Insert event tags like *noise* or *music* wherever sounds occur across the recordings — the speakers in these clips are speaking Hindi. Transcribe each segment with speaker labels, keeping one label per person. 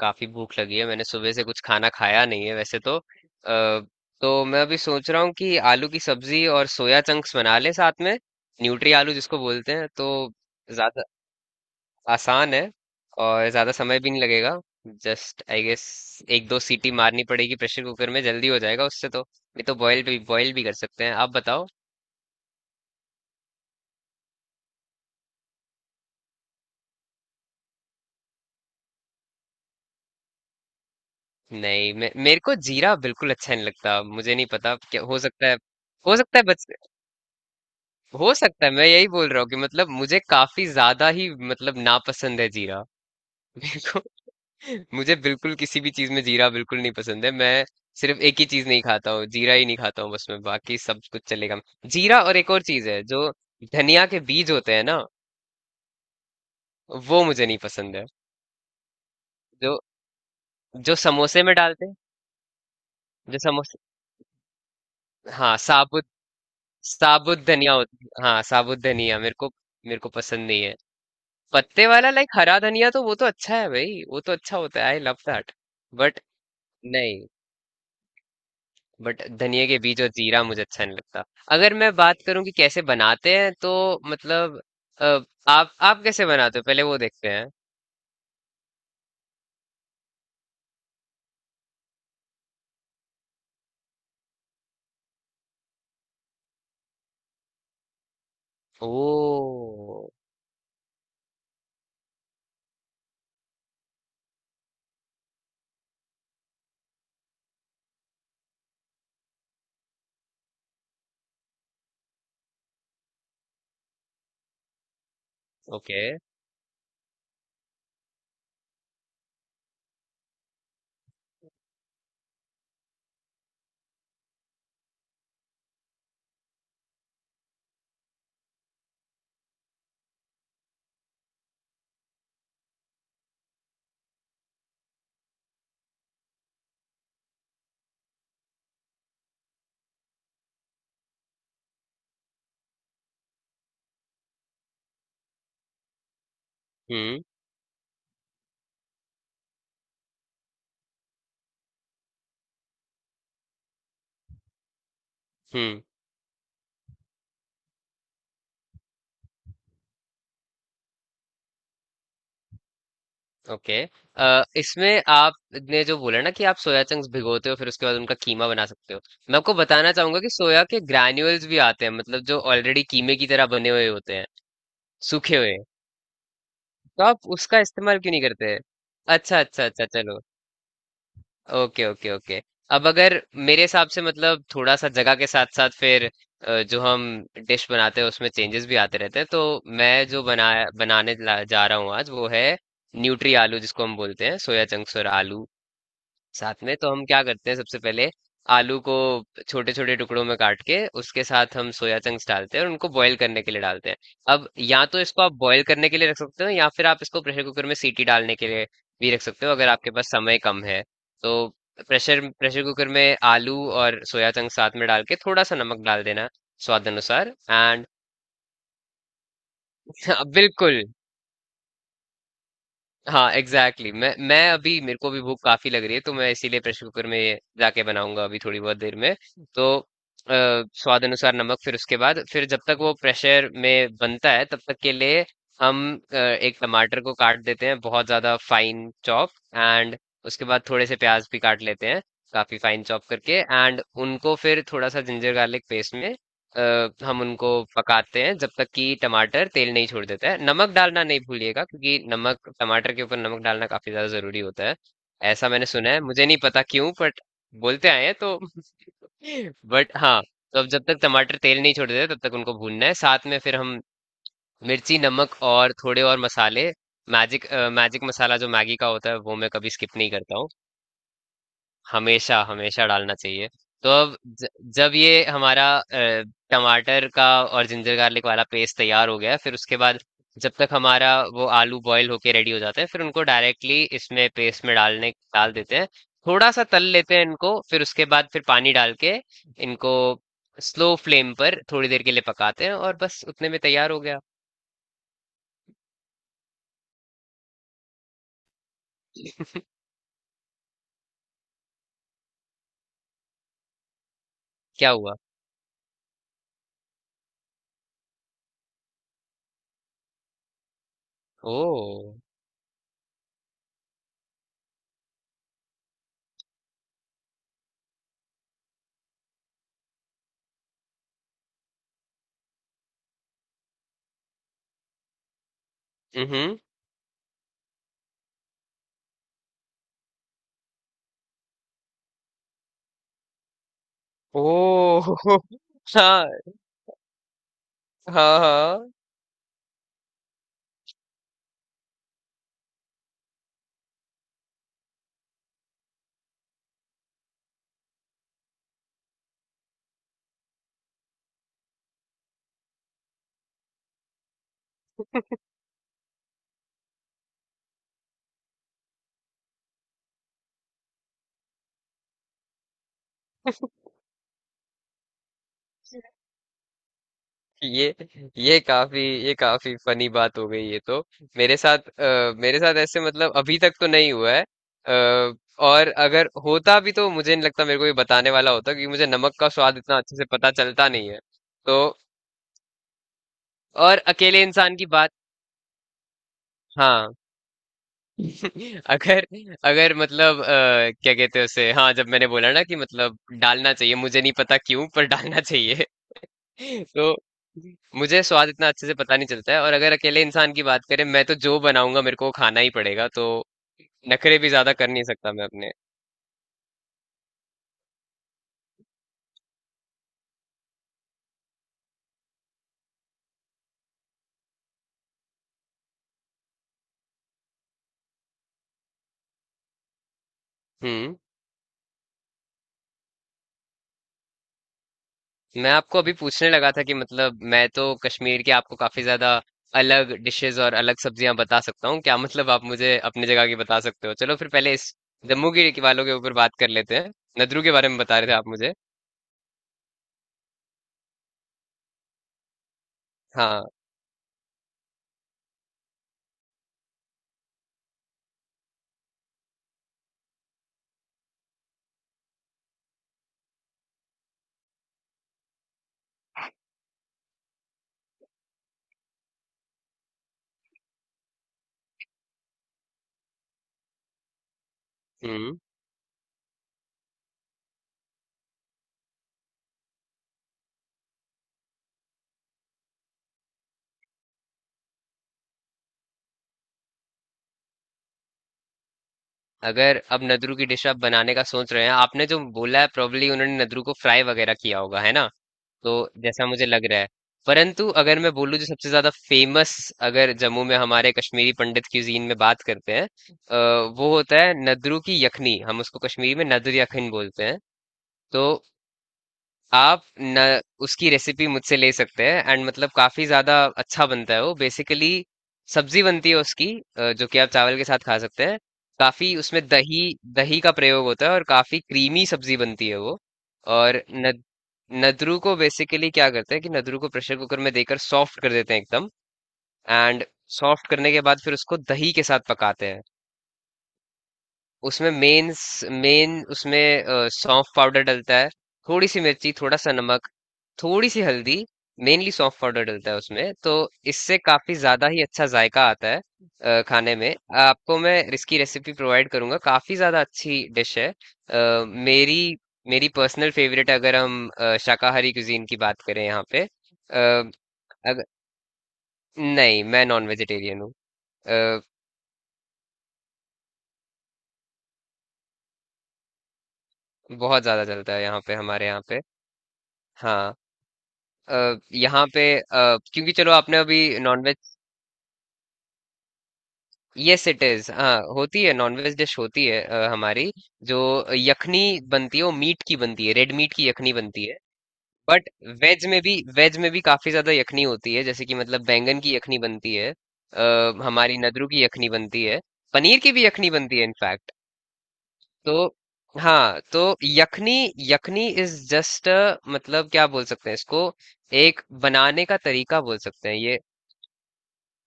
Speaker 1: काफी भूख लगी है। मैंने सुबह से कुछ खाना खाया नहीं है वैसे। तो मैं अभी सोच रहा हूँ कि आलू की सब्जी और सोया चंक्स बना लें साथ में। न्यूट्री आलू जिसको बोलते हैं। तो ज्यादा आसान है और ज्यादा समय भी नहीं लगेगा। जस्ट आई गेस एक दो सीटी मारनी पड़ेगी प्रेशर कुकर में, जल्दी हो जाएगा उससे। तो नहीं तो बॉयल भी कर सकते हैं। आप बताओ। नहीं, मेरे को जीरा बिल्कुल अच्छा नहीं लगता। मुझे नहीं पता क्या हो सकता है। हो सकता है बच हो सकता है। मैं यही बोल रहा हूँ कि मतलब मुझे काफी ज्यादा ही मतलब नापसंद है जीरा। *laughs* मेरे को मुझे बिल्कुल किसी भी चीज में जीरा बिल्कुल नहीं पसंद है। मैं सिर्फ एक ही चीज नहीं खाता हूँ, जीरा ही नहीं खाता हूँ बस। मैं बाकी सब कुछ चलेगा। जीरा और एक और चीज है जो धनिया के बीज होते हैं ना, वो मुझे नहीं पसंद है। जो जो समोसे में डालते हैं। जो समोसे हाँ, साबुत। साबुत धनिया होती है, हाँ साबुत धनिया मेरे को पसंद नहीं है। पत्ते वाला, लाइक हरा धनिया, तो वो तो अच्छा है भाई, वो तो अच्छा होता है, आई लव दैट। बट नहीं बट धनिया के बीज और जीरा मुझे अच्छा नहीं लगता। अगर मैं बात करूं कि कैसे बनाते हैं तो मतलब अ, आप कैसे बनाते हो पहले वो देखते हैं। ओ। ओके। हम्म हम्म। इसमें आपने जो बोला ना कि आप सोया चंक्स भिगोते हो फिर उसके बाद उनका कीमा बना सकते हो। मैं आपको बताना चाहूंगा कि सोया के ग्रैन्यूल्स भी आते हैं, मतलब जो ऑलरेडी कीमे की तरह बने हुए होते हैं, सूखे हुए। तो आप उसका इस्तेमाल क्यों नहीं करते? अच्छा अच्छा अच्छा, चलो। Okay okay okay. अब अगर मेरे हिसाब से मतलब थोड़ा सा जगह के साथ साथ फिर जो हम डिश बनाते हैं उसमें चेंजेस भी आते रहते हैं। तो मैं जो जा रहा हूँ आज, वो है न्यूट्री आलू जिसको हम बोलते हैं, सोया चंक्स और आलू साथ में। तो हम क्या करते हैं, सबसे पहले आलू को छोटे छोटे टुकड़ों में काट के उसके साथ हम सोया चंक्स डालते हैं और उनको बॉईल करने के लिए डालते हैं। अब या तो इसको आप बॉईल करने के लिए रख सकते हो, या फिर आप इसको प्रेशर कुकर में सीटी डालने के लिए भी रख सकते हो अगर आपके पास समय कम है। तो प्रेशर प्रेशर कुकर में आलू और सोया चंक्स साथ में डाल के थोड़ा सा नमक डाल देना, स्वाद अनुसार, एंड *laughs* बिल्कुल। हाँ एग्जैक्टली exactly। मैं अभी, मेरे को भी भूख काफी लग रही है, तो मैं इसीलिए प्रेशर कुकर में ये जाके बनाऊंगा अभी थोड़ी बहुत देर में। तो अ, स्वाद अनुसार नमक, फिर उसके बाद, फिर जब तक वो प्रेशर में बनता है तब तक के लिए हम एक टमाटर को काट देते हैं बहुत ज्यादा फाइन चॉप एंड उसके बाद थोड़े से प्याज भी काट लेते हैं काफी फाइन चॉप करके। एंड उनको फिर थोड़ा सा जिंजर गार्लिक पेस्ट में हम उनको पकाते हैं जब तक कि टमाटर तेल नहीं छोड़ देता है। नमक डालना नहीं भूलिएगा क्योंकि नमक, टमाटर के ऊपर नमक डालना काफी ज्यादा जरूरी होता है। ऐसा मैंने सुना है, मुझे नहीं पता क्यों, बट बोलते आए हैं तो *laughs* बट हाँ। तो अब जब तक टमाटर तेल नहीं छोड़ देता तब तक उनको भूनना है। साथ में फिर हम मिर्ची, नमक और थोड़े और मसाले, मैजिक मैजिक मसाला जो मैगी का होता है वो मैं कभी स्किप नहीं करता हूँ, हमेशा हमेशा डालना चाहिए। तो अब जब ये हमारा टमाटर का और जिंजर गार्लिक वाला पेस्ट तैयार हो गया है, फिर उसके बाद जब तक हमारा वो आलू बॉईल होके रेडी हो जाते हैं, फिर उनको डायरेक्टली इसमें पेस्ट में डाल देते हैं। थोड़ा सा तल लेते हैं इनको, फिर उसके बाद फिर पानी डाल के इनको स्लो फ्लेम पर थोड़ी देर के लिए पकाते हैं और बस उतने में तैयार हो गया। क्या हुआ? ओ। हम्म। ओ। *laughs* हाँ हाँ हाँ। ये ये काफी ये काफी फनी बात हो गई ये तो। मेरे साथ मेरे साथ ऐसे मतलब अभी तक तो नहीं हुआ है। अ, और अगर होता भी तो मुझे नहीं लगता मेरे को ये बताने वाला होता, क्योंकि मुझे नमक का स्वाद इतना अच्छे से पता चलता नहीं है। तो और अकेले इंसान की बात, हाँ। *laughs* अगर अगर मतलब क्या कहते हैं उसे, हाँ, जब मैंने बोला ना कि मतलब डालना चाहिए, मुझे नहीं पता क्यों पर डालना चाहिए। तो मुझे स्वाद इतना अच्छे से पता नहीं चलता है, और अगर अकेले इंसान की बात करें, मैं तो जो बनाऊंगा मेरे को वो खाना ही पड़ेगा, तो नखरे भी ज्यादा कर नहीं सकता मैं अपने। हम्म। मैं आपको अभी पूछने लगा था कि मतलब मैं तो कश्मीर की आपको काफी ज्यादा अलग डिशेस और अलग सब्जियां बता सकता हूँ। क्या मतलब आप मुझे अपनी जगह की बता सकते हो? चलो फिर पहले इस जम्मू के वालों के ऊपर बात कर लेते हैं। नदरू के बारे में बता रहे थे आप मुझे। हाँ। हम्म। अगर अब नदरू की डिश आप बनाने का सोच रहे हैं, आपने जो बोला है प्रोबली उन्होंने नदरू को फ्राई वगैरह किया होगा, है ना? तो जैसा मुझे लग रहा है, परंतु अगर मैं बोलूँ जो सबसे ज्यादा फेमस, अगर जम्मू में हमारे कश्मीरी पंडित क्यूजीन में बात करते हैं, अ, वो होता है नदरू की यखनी, हम उसको कश्मीरी में नदर यखन बोलते हैं। तो आप न उसकी रेसिपी मुझसे ले सकते हैं एंड मतलब काफी ज्यादा अच्छा बनता है वो। बेसिकली सब्जी बनती है उसकी, जो कि आप चावल के साथ खा सकते हैं। काफी उसमें दही दही का प्रयोग होता है और काफी क्रीमी सब्जी बनती है वो। और न, नदरू को बेसिकली क्या करते हैं कि नदरू को प्रेशर कुकर में देकर सॉफ्ट कर देते हैं एकदम। एंड सॉफ्ट करने के बाद फिर उसको दही के साथ पकाते हैं। उसमें मेन उसमें सौंफ पाउडर डलता है, थोड़ी सी मिर्ची, थोड़ा सा नमक, थोड़ी सी हल्दी। मेनली सौंफ पाउडर डलता है उसमें तो। इससे काफी ज्यादा ही अच्छा जायका आता है खाने में। आपको मैं इसकी रेसिपी प्रोवाइड करूंगा, काफी ज्यादा अच्छी डिश है। अ, मेरी मेरी पर्सनल फेवरेट, अगर हम शाकाहारी कुजीन की बात करें यहाँ पे। अ, अगर, नहीं, मैं नॉन वेजिटेरियन हूँ। अ, बहुत ज्यादा चलता है यहाँ पे, हमारे यहाँ पे। हाँ। क्योंकि चलो आपने अभी नॉनवेज, यस इट इज, हाँ होती है नॉनवेज डिश होती है हमारी। जो यखनी बनती है वो मीट की बनती है, रेड मीट की यखनी बनती है। बट वेज में भी काफी ज्यादा यखनी होती है, जैसे कि मतलब बैंगन की यखनी बनती है, हमारी नदरू की यखनी बनती है, पनीर की भी यखनी बनती है इनफैक्ट। तो हाँ, तो यखनी यखनी इज जस्ट, मतलब क्या बोल सकते हैं इसको, एक बनाने का तरीका बोल सकते हैं ये।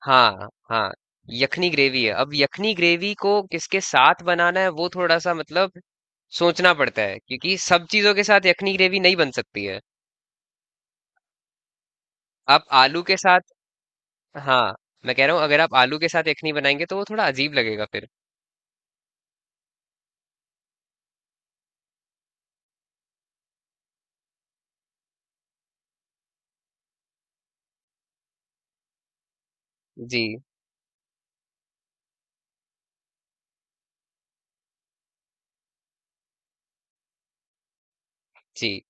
Speaker 1: हाँ, हाँ, यखनी ग्रेवी है। अब यखनी ग्रेवी को किसके साथ बनाना है वो थोड़ा सा मतलब सोचना पड़ता है, क्योंकि सब चीजों के साथ यखनी ग्रेवी नहीं बन सकती है। आप आलू के साथ, हाँ, मैं कह रहा हूँ अगर आप आलू के साथ यखनी बनाएंगे तो वो थोड़ा अजीब लगेगा फिर। जी, जी,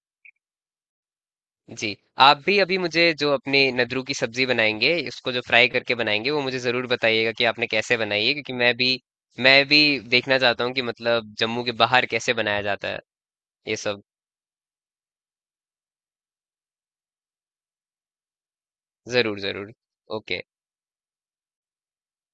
Speaker 1: जी। आप भी अभी मुझे जो अपने नद्रू की सब्जी बनाएंगे, इसको जो फ्राई करके बनाएंगे, वो मुझे जरूर बताइएगा कि आपने कैसे बनाई है, क्योंकि मैं भी देखना चाहता हूँ कि मतलब जम्मू के बाहर कैसे बनाया जाता है ये सब। ज़रूर, ज़रूर। ओके।